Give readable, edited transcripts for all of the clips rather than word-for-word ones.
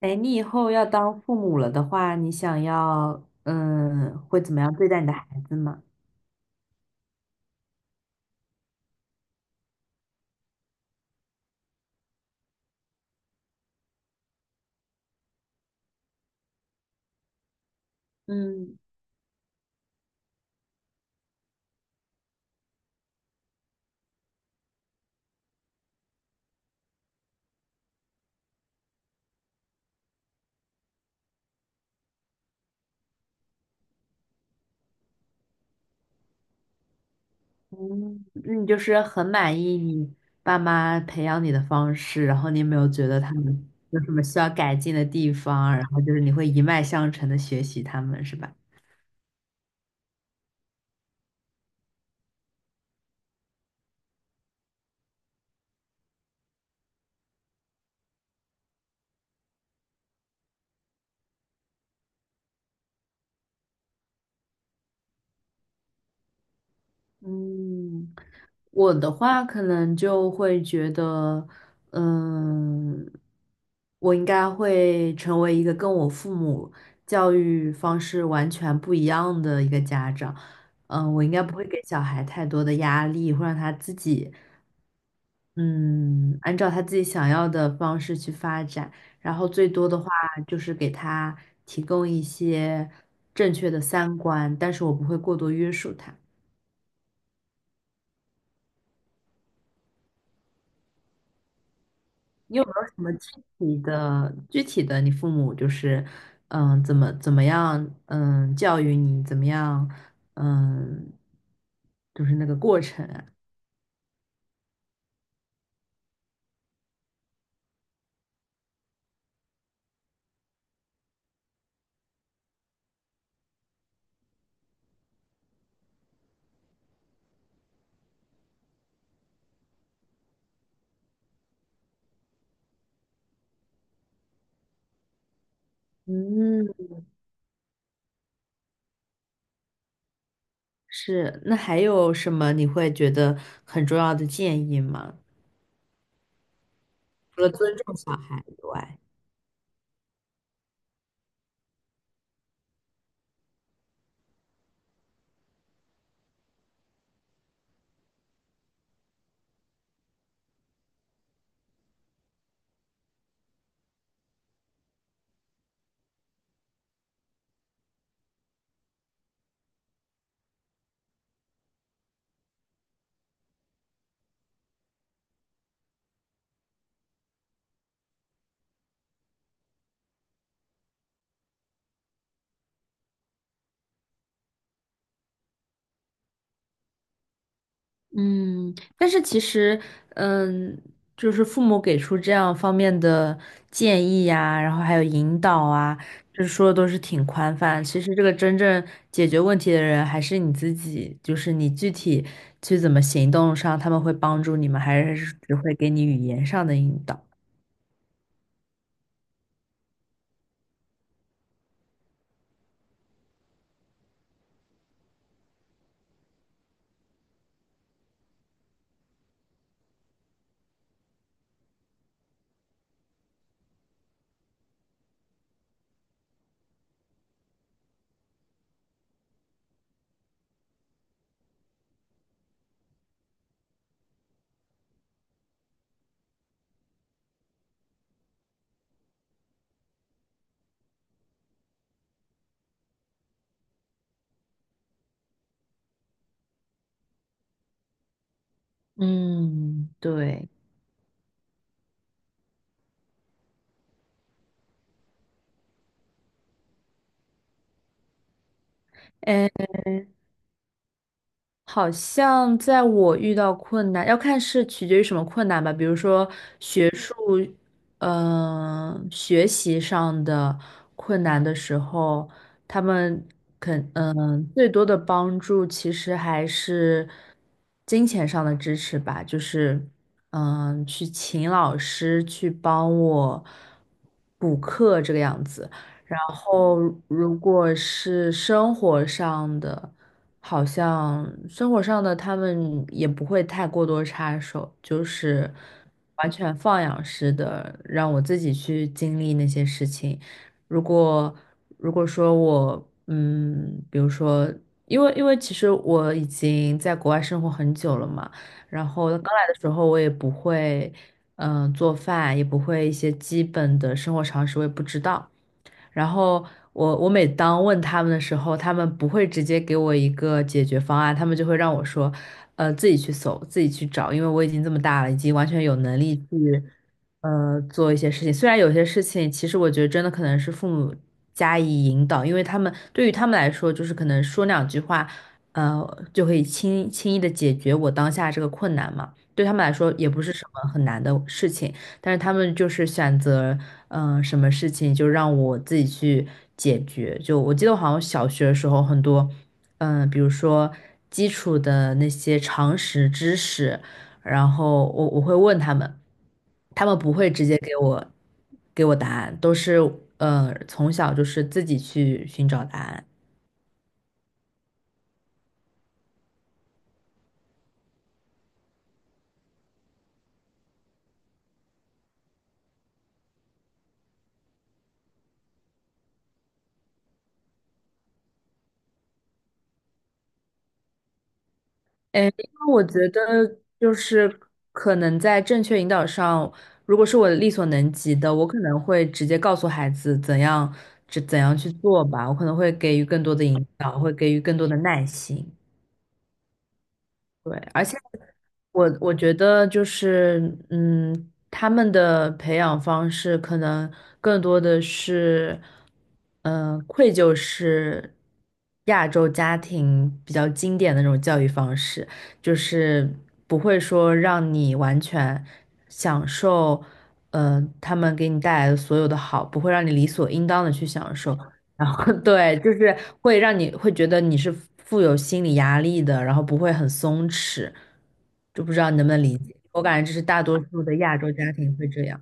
哎，你以后要当父母了的话，你想要，会怎么样对待你的孩子吗？嗯嗯，那你就是很满意你爸妈培养你的方式，然后你有没有觉得他们有什么需要改进的地方，然后就是你会一脉相承的学习他们，是吧？嗯，我的话可能就会觉得，嗯，我应该会成为一个跟我父母教育方式完全不一样的一个家长。我应该不会给小孩太多的压力，会让他自己，嗯，按照他自己想要的方式去发展。然后最多的话就是给他提供一些正确的三观，但是我不会过多约束他。你有没有什么具体的？你父母就是，怎么样，教育你，怎么样，嗯，就是那个过程啊。嗯，是。那还有什么你会觉得很重要的建议吗？除了尊重小孩以外，嗯，但是其实，嗯，就是父母给出这样方面的建议呀，然后还有引导啊，就是说的都是挺宽泛。其实这个真正解决问题的人还是你自己，就是你具体去怎么行动上，他们会帮助你们，还是只会给你语言上的引导？嗯，对。诶。好像在我遇到困难，要看是取决于什么困难吧。比如说学术，学习上的困难的时候，他们嗯，最多的帮助其实还是金钱上的支持吧，就是去请老师去帮我补课这个样子。然后如果是生活上的，好像生活上的他们也不会太过多插手，就是完全放养式的让我自己去经历那些事情。如果如果说我，比如说，因为其实我已经在国外生活很久了嘛，然后刚来的时候我也不会，做饭，也不会一些基本的生活常识，我也不知道。然后我每当问他们的时候，他们不会直接给我一个解决方案，他们就会让我说，自己去搜，自己去找，因为我已经这么大了，已经完全有能力去，做一些事情。虽然有些事情，其实我觉得真的可能是父母加以引导，因为他们对于他们来说，就是可能说两句话，就可以轻轻易的解决我当下这个困难嘛。对他们来说，也不是什么很难的事情。但是他们就是选择，什么事情就让我自己去解决。就我记得我好像小学的时候很多，比如说基础的那些常识知识，然后我会问他们，他们不会直接给我答案，都是从小就是自己去寻找答案。哎，因为我觉得就是可能在正确引导上，如果是我力所能及的，我可能会直接告诉孩子怎样去做吧，我可能会给予更多的引导，会给予更多的耐心。对，而且我觉得就是，他们的培养方式可能更多的是，愧疚式亚洲家庭比较经典的那种教育方式，就是不会说让你完全享受，他们给你带来的所有的好，不会让你理所应当的去享受。然后 对，就是会让你会觉得你是富有心理压力的，然后不会很松弛，就不知道你能不能理解。我感觉这是大多数的亚洲家庭会这样。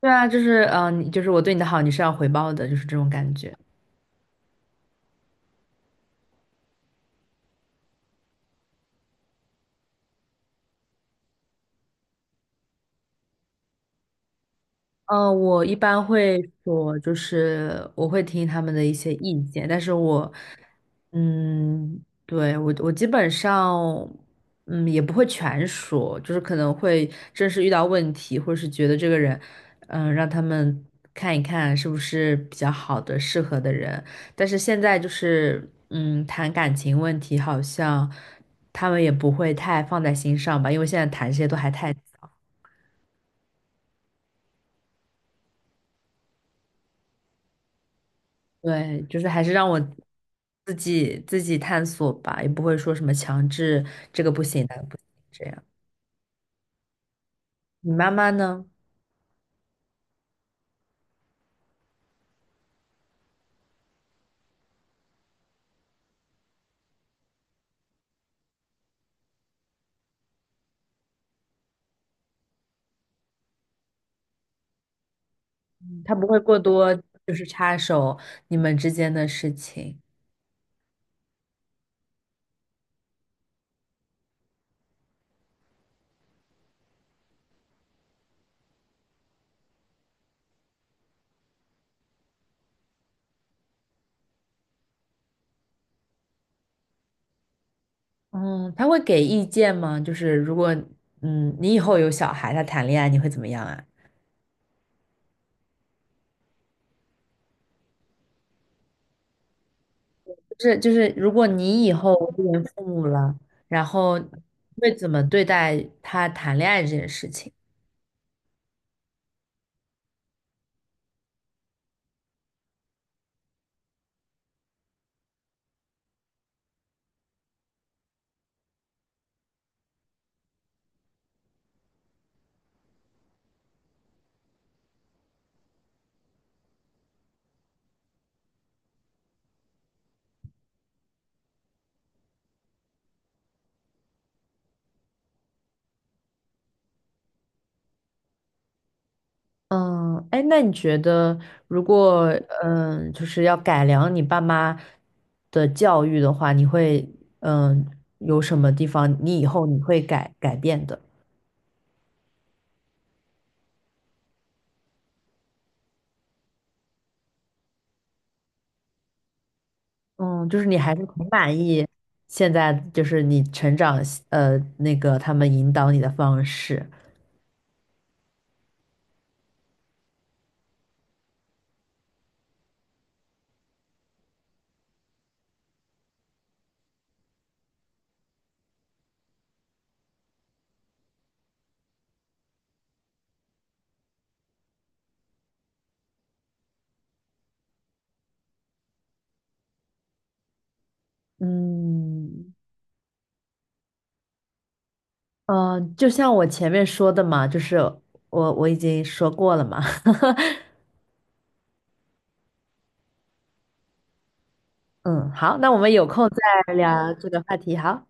对啊，就是你就是我对你的好，你是要回报的，就是这种感觉。嗯，我一般会说，就是我会听他们的一些意见，但是我，对，我基本上，也不会全说，就是可能会真是遇到问题，或者是觉得这个人，让他们看一看是不是比较好的、适合的人。但是现在就是，谈感情问题，好像他们也不会太放在心上吧，因为现在谈这些都还太早。对，就是还是让我自己探索吧，也不会说什么强制这个不行那个不行这样。你妈妈呢？她不会过多就是插手你们之间的事情。嗯，她会给意见吗？就是如果你以后有小孩，他谈恋爱，你会怎么样啊？就是如果你以后为人父母了，然后会怎么对待他谈恋爱这件事情？嗯，哎，那你觉得，如果就是要改良你爸妈的教育的话，你会嗯有什么地方你以后你会改变的？嗯，就是你还是挺满意现在就是你成长那个他们引导你的方式。嗯嗯，就像我前面说的嘛，就是我已经说过了嘛。嗯，好，那我们有空再聊这个话题，好。